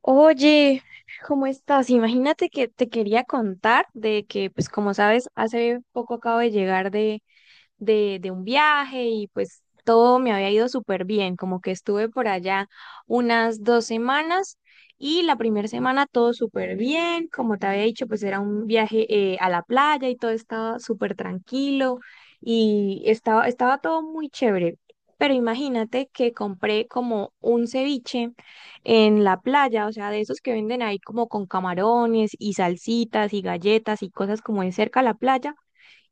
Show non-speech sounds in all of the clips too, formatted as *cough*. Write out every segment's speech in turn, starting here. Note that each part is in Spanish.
Oye, ¿cómo estás? Imagínate que te quería contar de que, pues como sabes, hace poco acabo de llegar de un viaje y pues todo me había ido súper bien, como que estuve por allá unas dos semanas y la primera semana todo súper bien, como te había dicho, pues era un viaje a la playa y todo estaba súper tranquilo y estaba todo muy chévere. Pero imagínate que compré como un ceviche en la playa, o sea, de esos que venden ahí como con camarones y salsitas y galletas y cosas como en cerca a la playa.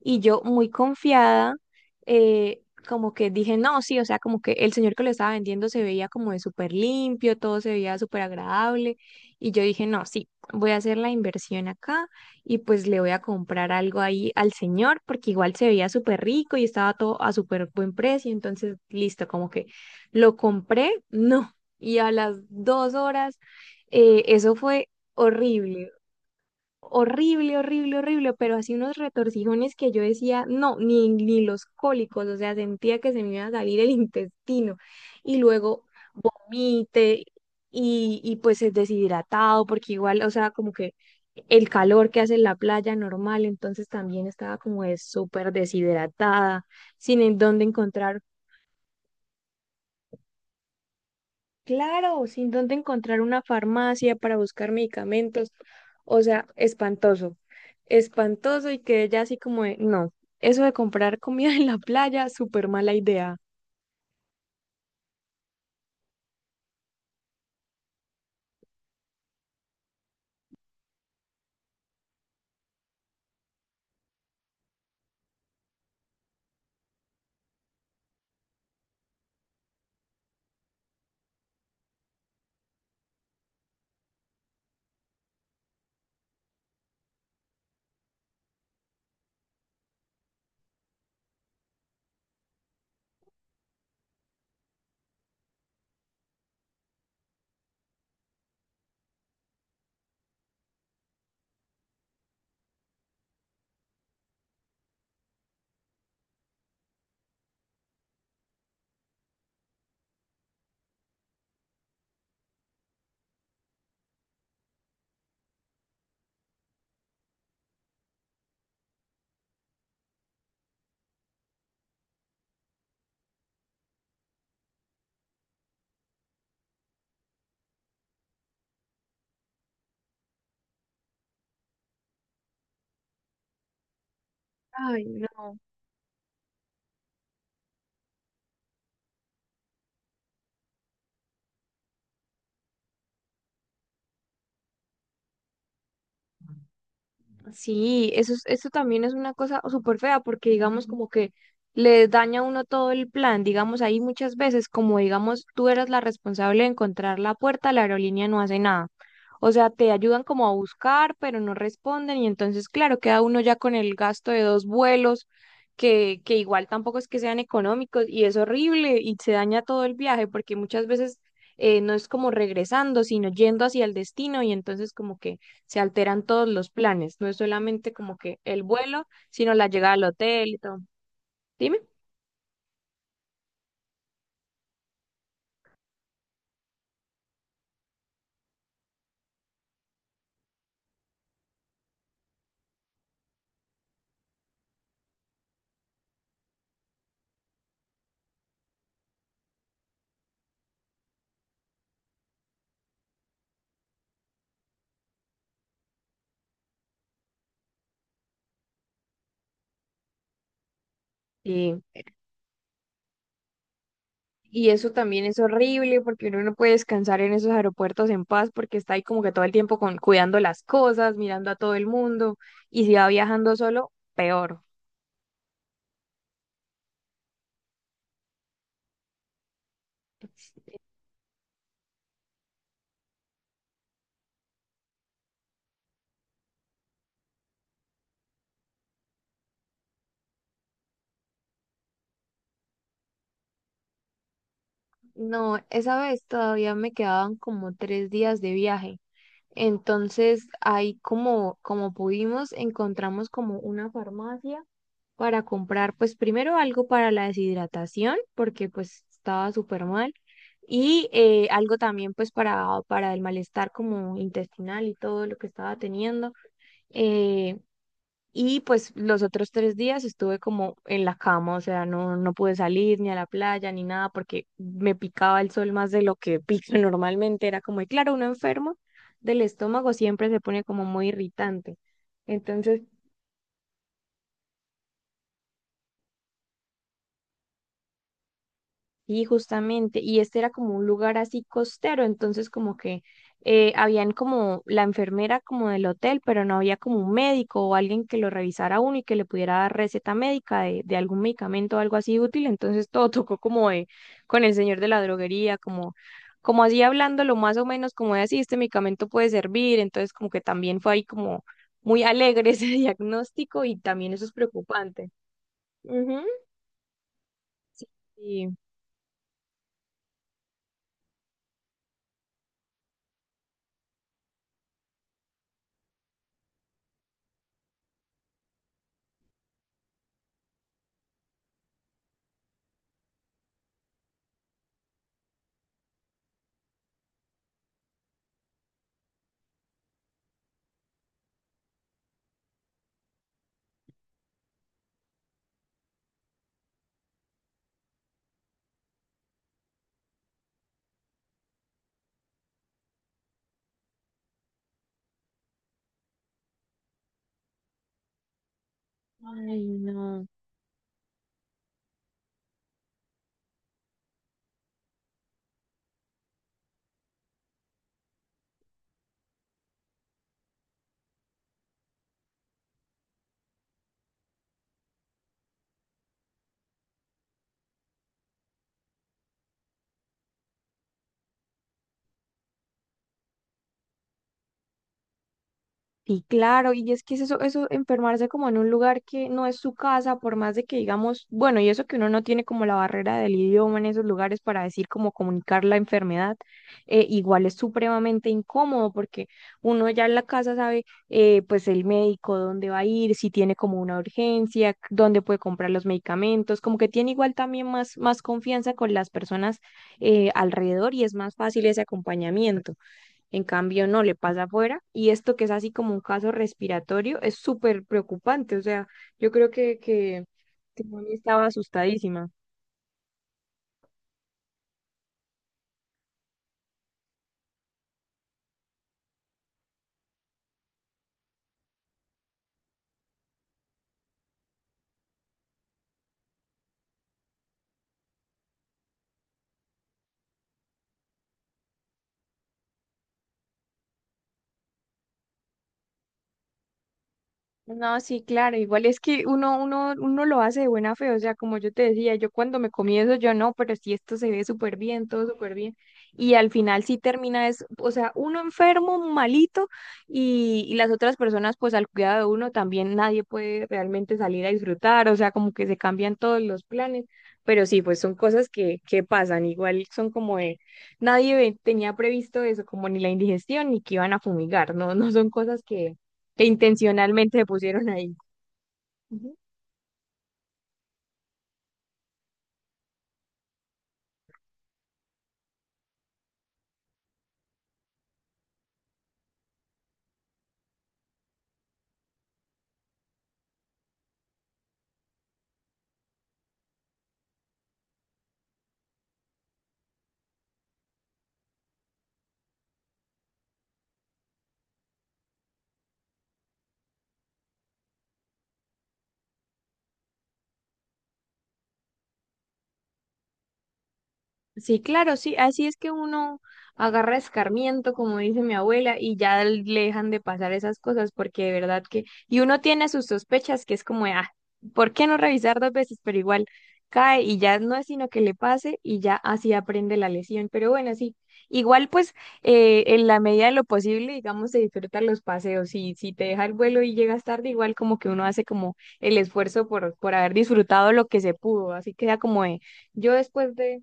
Y yo muy confiada, eh, como que dije, no, sí, o sea, como que el señor que lo estaba vendiendo se veía como de súper limpio, todo se veía súper agradable. Y yo dije, no, sí, voy a hacer la inversión acá y pues le voy a comprar algo ahí al señor porque igual se veía súper rico y estaba todo a súper buen precio. Entonces, listo, como que lo compré, no. Y a las dos horas, eso fue horrible, horrible, horrible, horrible, pero así unos retorcijones que yo decía, no, ni los cólicos, o sea, sentía que se me iba a salir el *laughs* intestino y luego vomité y pues es deshidratado porque igual, o sea, como que el calor que hace en la playa normal, entonces también estaba como de súper deshidratada, sin en dónde encontrar. Claro, sin dónde encontrar una farmacia para buscar medicamentos. O sea, espantoso. Espantoso y quedé ya así como de, no, eso de comprar comida *laughs* en la playa, súper mala idea. Ay, no. Sí, eso, es- eso también es una cosa súper fea porque digamos como que le daña a uno todo el plan, digamos ahí muchas veces como digamos tú eras la responsable de encontrar la puerta, la aerolínea no hace nada. O sea, te ayudan como a buscar, pero no responden y entonces claro, queda uno ya con el gasto de dos vuelos que igual tampoco es que sean económicos y es horrible y se daña todo el viaje porque muchas veces no es como regresando, sino yendo hacia el destino y entonces como que se alteran todos los planes. No es solamente como que el vuelo, sino la llegada al hotel y todo. Dime. Y, y eso también es horrible porque uno no puede descansar en esos aeropuertos en paz porque está ahí como que todo el tiempo con, cuidando las cosas, mirando a todo el mundo. Y si va viajando solo, peor. No, esa vez todavía me quedaban como tres días de viaje. Entonces ahí como, como pudimos, encontramos como una farmacia para comprar, pues primero algo para la deshidratación, porque pues estaba súper mal, y algo también pues para el malestar como intestinal y todo lo que estaba teniendo. Eh, y pues los otros tres días estuve como en la cama, o sea, no, no pude salir ni a la playa ni nada porque me picaba el sol más de lo que pica *laughs* normalmente. Era como, y claro, uno enfermo del estómago siempre se pone como muy irritante. Entonces, sí, justamente, y este era como un lugar así costero, entonces como que habían como la enfermera como del hotel, pero no había como un médico o alguien que lo revisara a uno y que le pudiera dar receta médica de algún medicamento o algo así útil, entonces todo *laughs* tocó como de, con el señor de la droguería, como, como así hablándolo más o menos como de así, este medicamento puede servir, entonces como que también fue ahí como muy alegre *laughs* ese diagnóstico y también eso es preocupante. Ujú. Sí. Ay, no. Sí, claro, y es que es eso, eso enfermarse como en un lugar que no es su casa, por más de que digamos, bueno, y eso que uno no tiene como la barrera del idioma en esos lugares para decir como comunicar la enfermedad, igual es supremamente incómodo porque uno ya en la casa sabe, pues el médico dónde va a ir, si tiene como una urgencia, c- dónde puede comprar los medicamentos, como que tiene igual también más, más confianza con las personas alrededor y es más fácil ese acompañamiento. En cambio, no le pasa afuera. Y esto que es así como un caso respiratorio es súper preocupante. O sea, yo creo que Moni estaba asustadísima. No, sí, claro, igual es que uno lo hace de buena fe, o sea, como yo te decía, yo cuando me comí eso, yo no, pero si esto se ve súper bien, todo súper bien, y al final sí termina es, o sea, uno enfermo, malito, y las otras personas, pues al cuidado de uno también nadie puede realmente salir a disfrutar, o sea, como que se cambian todos los planes, pero sí, pues son cosas que pasan, igual son como de, nadie ve- tenía previsto eso, como ni la indigestión, ni que iban a fumigar, no, *laughs* no son cosas que intencionalmente se pusieron ahí. Ujú. Sí, claro, sí, así es que uno agarra escarmiento, como dice mi abuela, y ya le dejan de pasar esas cosas, porque de verdad que, y uno tiene sus sospechas, que es como, de, ah, ¿por qué no revisar dos veces? Pero igual cae y ya no es sino que le pase y ya así aprende la lesión. Pero bueno, sí, igual pues en la medida de lo posible, digamos, se disfrutan los paseos. Y si te deja el vuelo y llegas tarde, igual como que uno hace como el esfuerzo por haber disfrutado lo que se pudo, así queda como de... Yo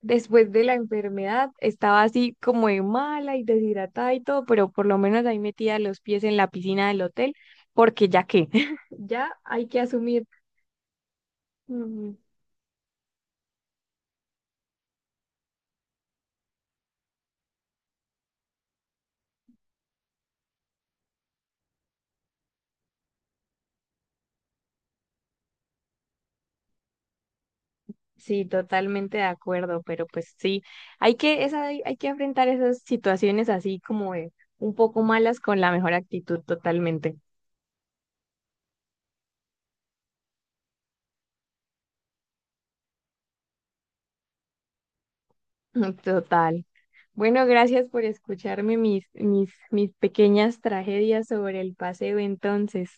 después de la enfermedad estaba así como de mala y deshidratada y todo, pero por lo menos ahí metía los pies en la piscina del hotel, porque ya que, *laughs* ya hay que asumir. Mm, sí, totalmente de acuerdo, pero pues sí, hay que, esa, hay que enfrentar esas situaciones así como de un poco malas con la mejor actitud, totalmente. *laughs* Total. Bueno, gracias por escucharme mis pequeñas tragedias sobre el paseo entonces.